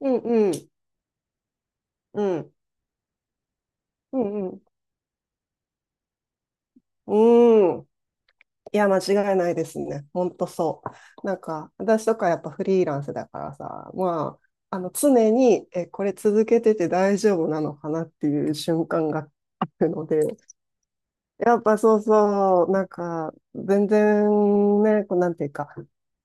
うんうん。うん。うんうん。うん。いや、間違いないですね。ほんとそう。なんか、私とかやっぱフリーランスだからさ、まあ、あの、常に、これ続けてて大丈夫なのかなっていう瞬間があるので、やっぱそうそう、なんか、全然ね、こうなんていうか、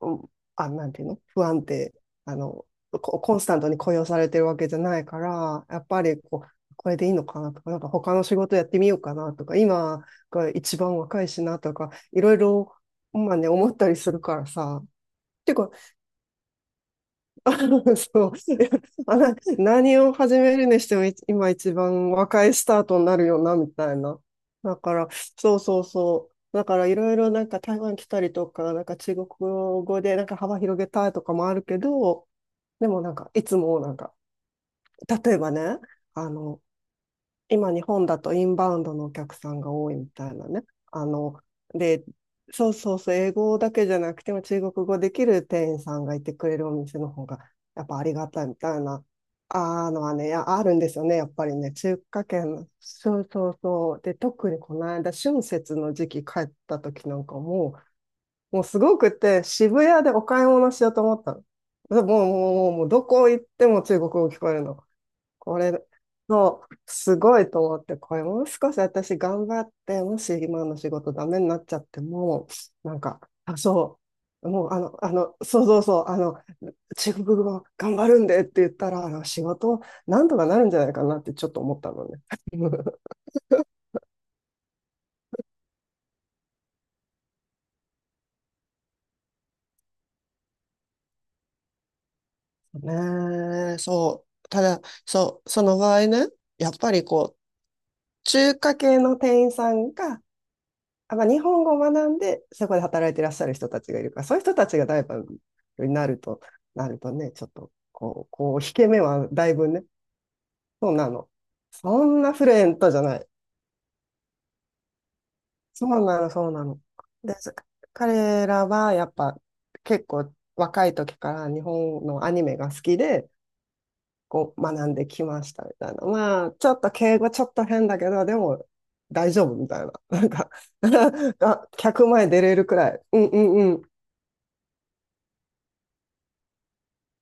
うん。あ、なんていうの、不安定、あの、コンスタントに雇用されてるわけじゃないから、やっぱりこう、これでいいのかなとか、なんか他の仕事やってみようかなとか、今が一番若いしなとか、いろいろ、まあね、思ったりするからさ。ていうか、そう。いやあな何を始めるにしても、今一番若いスタートになるよな、みたいな。だから、そうそうそう。だからいろいろ、なんか台湾来たりとか、なんか中国語でなんか幅広げたいとかもあるけど、でもなんかいつもなんか、例えばね、あの、今日本だとインバウンドのお客さんが多いみたいなね。あの、で、そうそうそう、英語だけじゃなくても中国語できる店員さんがいてくれるお店の方がやっぱありがたいみたいな、あーのはね、やあるんですよね、やっぱりね、中華圏、そうそうそう。で、特にこの間、春節の時期帰った時なんかもう、もうすごくて、渋谷でお買い物しようと思ったの。でもう、もうどこ行っても中国語聞こえるの。これ、そう、すごいと思って、これもう少し私頑張って、もし今の仕事ダメになっちゃっても、なんか、あ、そう、もうあの、そうそうそう、あの、中国語頑張るんでって言ったら、あの、仕事なんとかなるんじゃないかなってちょっと思ったのね。ねえ、そう。ただ、そう、その場合ね、やっぱりこう、中華系の店員さんが、あ、まあ、日本語を学んで、そこで働いていらっしゃる人たちがいるから、そういう人たちがライバルになると、なるとね、ちょっと、こう、引け目はだいぶね、そうなの。そんなフルエントじゃない。そうなの、そうなの。で、彼らはやっぱ結構若い時から日本のアニメが好きで、こう学んできましたみたいな。まあ、ちょっと敬語ちょっと変だけど、でも大丈夫みたいな。なんか、 あ、客前出れるくらい。うんうん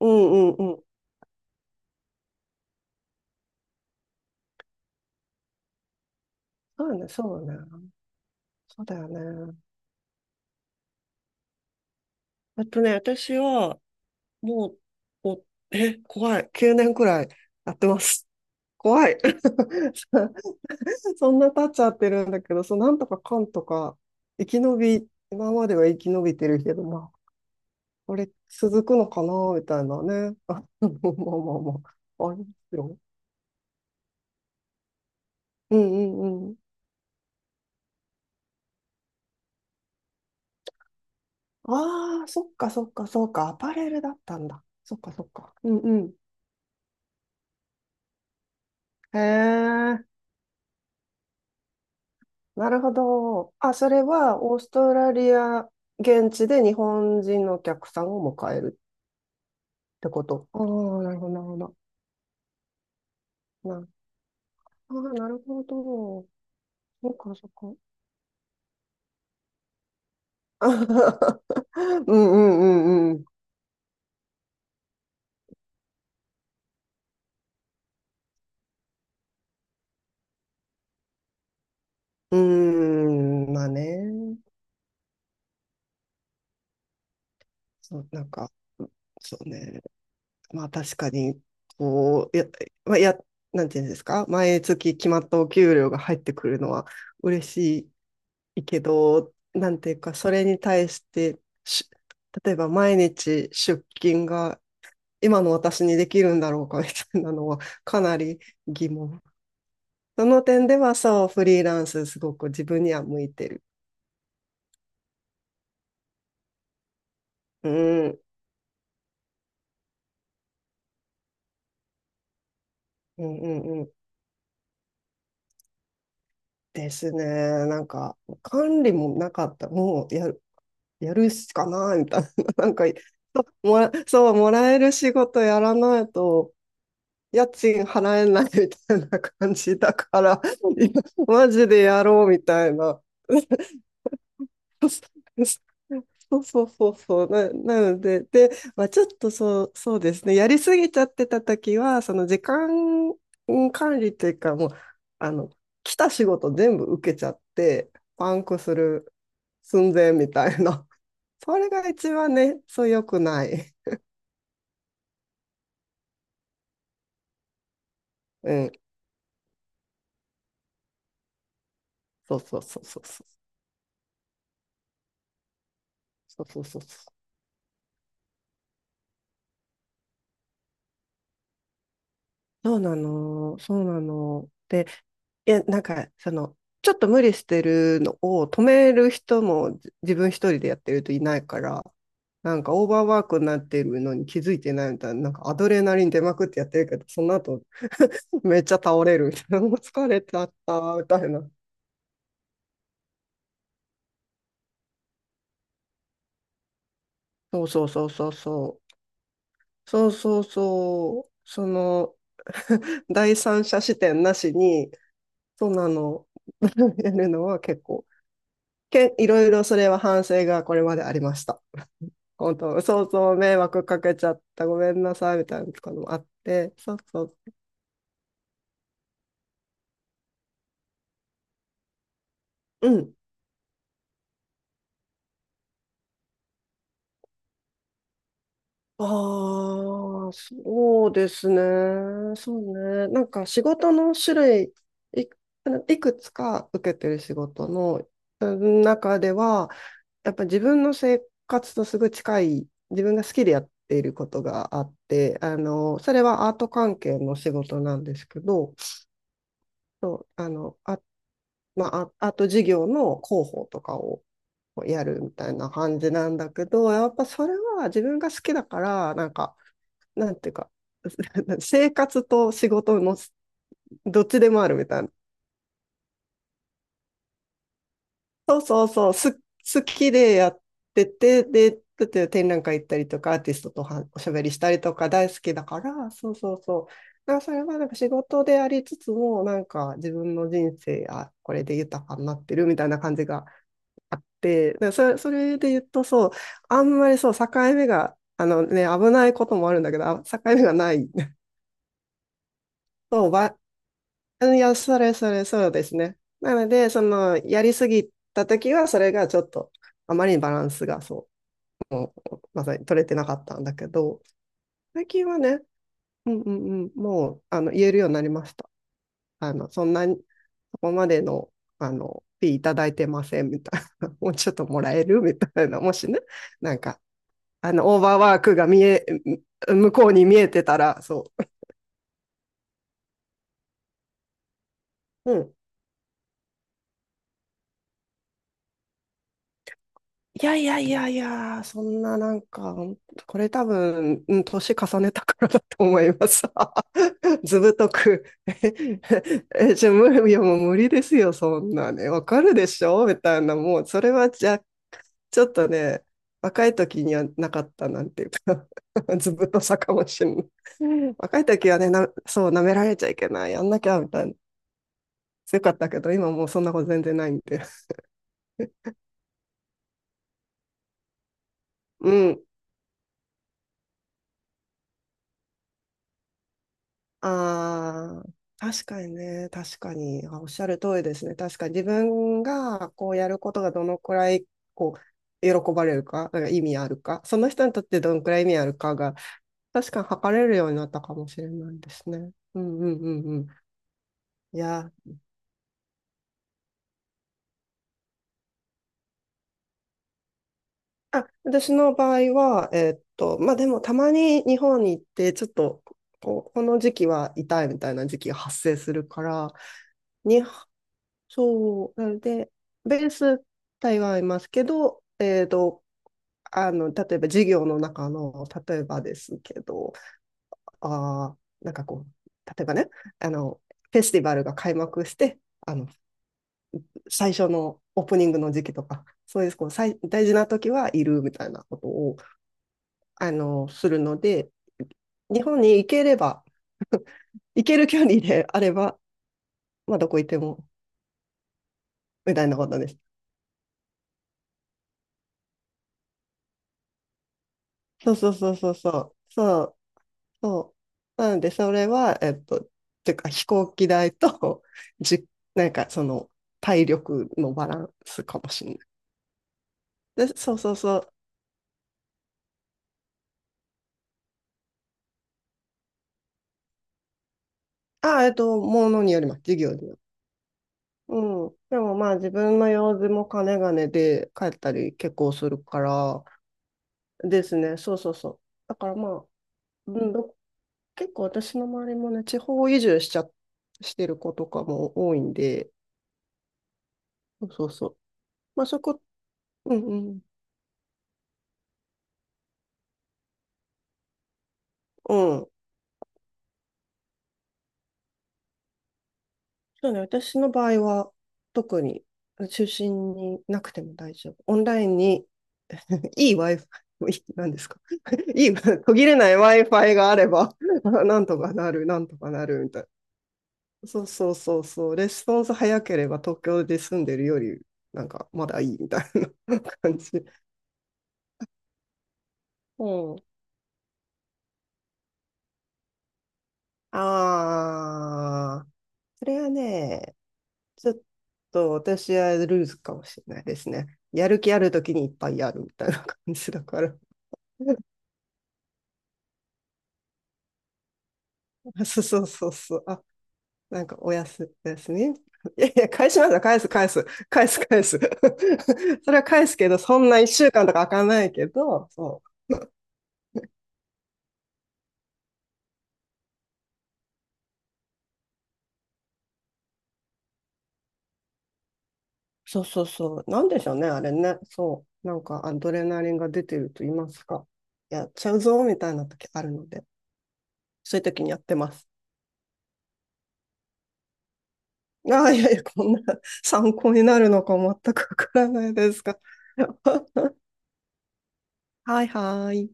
うんうんうん。そうね、そうね。そうだよね。あとね、私は、もう、お、え、怖い。9年くらいやってます。怖い。そんな経っちゃってるんだけど、そう、なんとかかんとか、生き延び、今までは生き延びてるけど、まあ、これ続くのかな、みたいなね。あ、まあまあ、ありますよ。うんうんうん。ああ、そっかそっかそっか、アパレルだったんだ。そっかそっか。うんうん。へえ。なるほど。あ、それはオーストラリア現地で日本人のお客さんを迎えるってこと。ああ、なるほど、なるほど。な、あーなるほど。そっか、そっか。うんうんうんうん。うーん、まあね。そう、なんか、そうね。まあ確かに、こう、や、まあ、や、なんていうんですか、毎月決まったお給料が入ってくるのは嬉しいいけど、なんていうか、それに対してし、例えば毎日出勤が今の私にできるんだろうかみたいなのはかなり疑問。その点ではそう、フリーランスすごく自分には向いてる。うん、うん、うん、うん。ですね。なんか、管理もなかった。もうやる、やるしかないみたいな。なんか、そう、もらえる仕事やらないと、家賃払えないみたいな感じだから、いやマジでやろうみたいな。そうそうそうそう。なので、で、まあ、ちょっとそう、そうですね。やりすぎちゃってた時は、その時間管理というか、もう、あの、来た仕事全部受けちゃって、パンクする寸前みたいな。それが一番ね、そう良くない。うん。そうそうそうそうそう。そうそうそうそう。そうなの、そうなの。で、いや、なんか、その、ちょっと無理してるのを止める人も自分一人でやってるといないから、なんかオーバーワークになってるのに気づいてないみたいな、なんかアドレナリン出まくってやってるけど、その後 めっちゃ倒れるみたいな、もう疲れちゃったみたいな。そうそうそうそうそう。そうそうそう。その 第三者視点なしに、そうなの、やるのは結構。いろいろそれは反省がこれまでありました。本当、そうそう、迷惑かけちゃった、ごめんなさい、みたいなのとかもあって、そうそう、うん。ああ、そうですね。そうね。なんか仕事の種類、い、いくつか受けてる仕事のうん中では、やっぱ自分の生活とすぐ近い、自分が好きでやっていることがあって、あの、それはアート関係の仕事なんですけど、そう、あの、まあ、ああと授業の広報とかをやるみたいな感じなんだけど、やっぱそれは自分が好きだから、なんか、なんていうか、生活と仕事のどっちでもあるみたいな。そうそうそう、好きでやってて、で、だって展覧会行ったりとか、アーティストとはおしゃべりしたりとか大好きだから、そうそうそう。だからそれはなんか仕事でありつつも、なんか自分の人生、あ、これで豊かになってるみたいな感じがあって、だからそれ、それで言うと、そう、あんまりそう、境目が、あのね、危ないこともあるんだけど、あ境目がない。そう、ば、いや、それ、そうですね。なので、その、やりすぎたときは、それがちょっと、あまりにバランスが、そう、まさに取れてなかったんだけど、最近はね、うんうんうん、もう、あの、言えるようになりました。あの、そんなに、そこまでの、あの、フィーいただいてません、みたいな。もうちょっともらえるみたいな。もしね、なんか、あの、オーバーワークが見え、向こうに見えてたら、そう。うん。いやいやいやいや、そんななんか、これ多分、うん年重ねたからだと思います。ずぶとく え、じゃあ無理、いやもう無理ですよ、そんなね。わかるでしょみたいな、もう、それはじゃ、ちょっとね、若い時にはなかったなんていうか ずぶとさかもしれない。若い時はね、な、そう、舐められちゃいけない、やんなきゃ、みたいな。強かったけど、今もうそんなこと全然ないんで。うん。ああ、確かにね、確かに。あおっしゃる通りですね。確かに自分がこうやることがどのくらいこ喜ばれるか、なんか意味あるか、その人にとってどのくらい意味あるかが、確かに測れるようになったかもしれないですね。うんうんうんうん。いや、あ、私の場合は、まあでもたまに日本に行って、ちょっとこの時期は痛いみたいな時期が発生するから、にそう。なので、ベース台湾いますけど、例えば授業の中の、例えばですけど、あー、なんかこう、例えばね、あの、フェスティバルが開幕して、あの、最初のオープニングの時期とか、そういう、こう、最、大事な時はいるみたいなことを、するので、日本に行ければ、行ける距離であれば、まあ、どこ行っても、みたいなことです。そうそうそうそうそう。そうそう。なので、それは、てか飛行機代と、じ、なんかその、体力のバランスかもしれない。で、そうそうそう。あ、ものによります。授業による。うん。でもまあ、自分の用事も金金で帰ったり結構するから、ですね。そうそうそう。だからまあ、うんど結構私の周りもね、地方移住しちゃ、してる子とかも多いんで、そうそうそう。まあ、そこ、うんうん。うんそうね、私の場合は特に中心になくても大丈夫。オンラインにいい Wi-Fi、いい何ですか いい、途切れない Wi-Fi があれば、なんとかなる、なんとかなるみたいな。そうそうそうそう、レスポンス早ければ東京で住んでるより、なんかまだいいみたいな 感じ。うん。ああ、それはね、ちょっと私はルーズかもしれないですね。やる気あるときにいっぱいやるみたいな感じだから。あそうそうそうそう。あ、なんかおやす、おやすみ。いやいや、返しますよ。返す、返す。返す、返す。それは返すけど、そんな一週間とか開かないけど、そう。そうそうそう。なんでしょうね、あれね。そう。なんかアドレナリンが出てると言いますか。やっちゃうぞ、みたいな時あるので、そういう時にやってます。ああ、いやいや、こんな参考になるのか全くわからないですが。はいはい。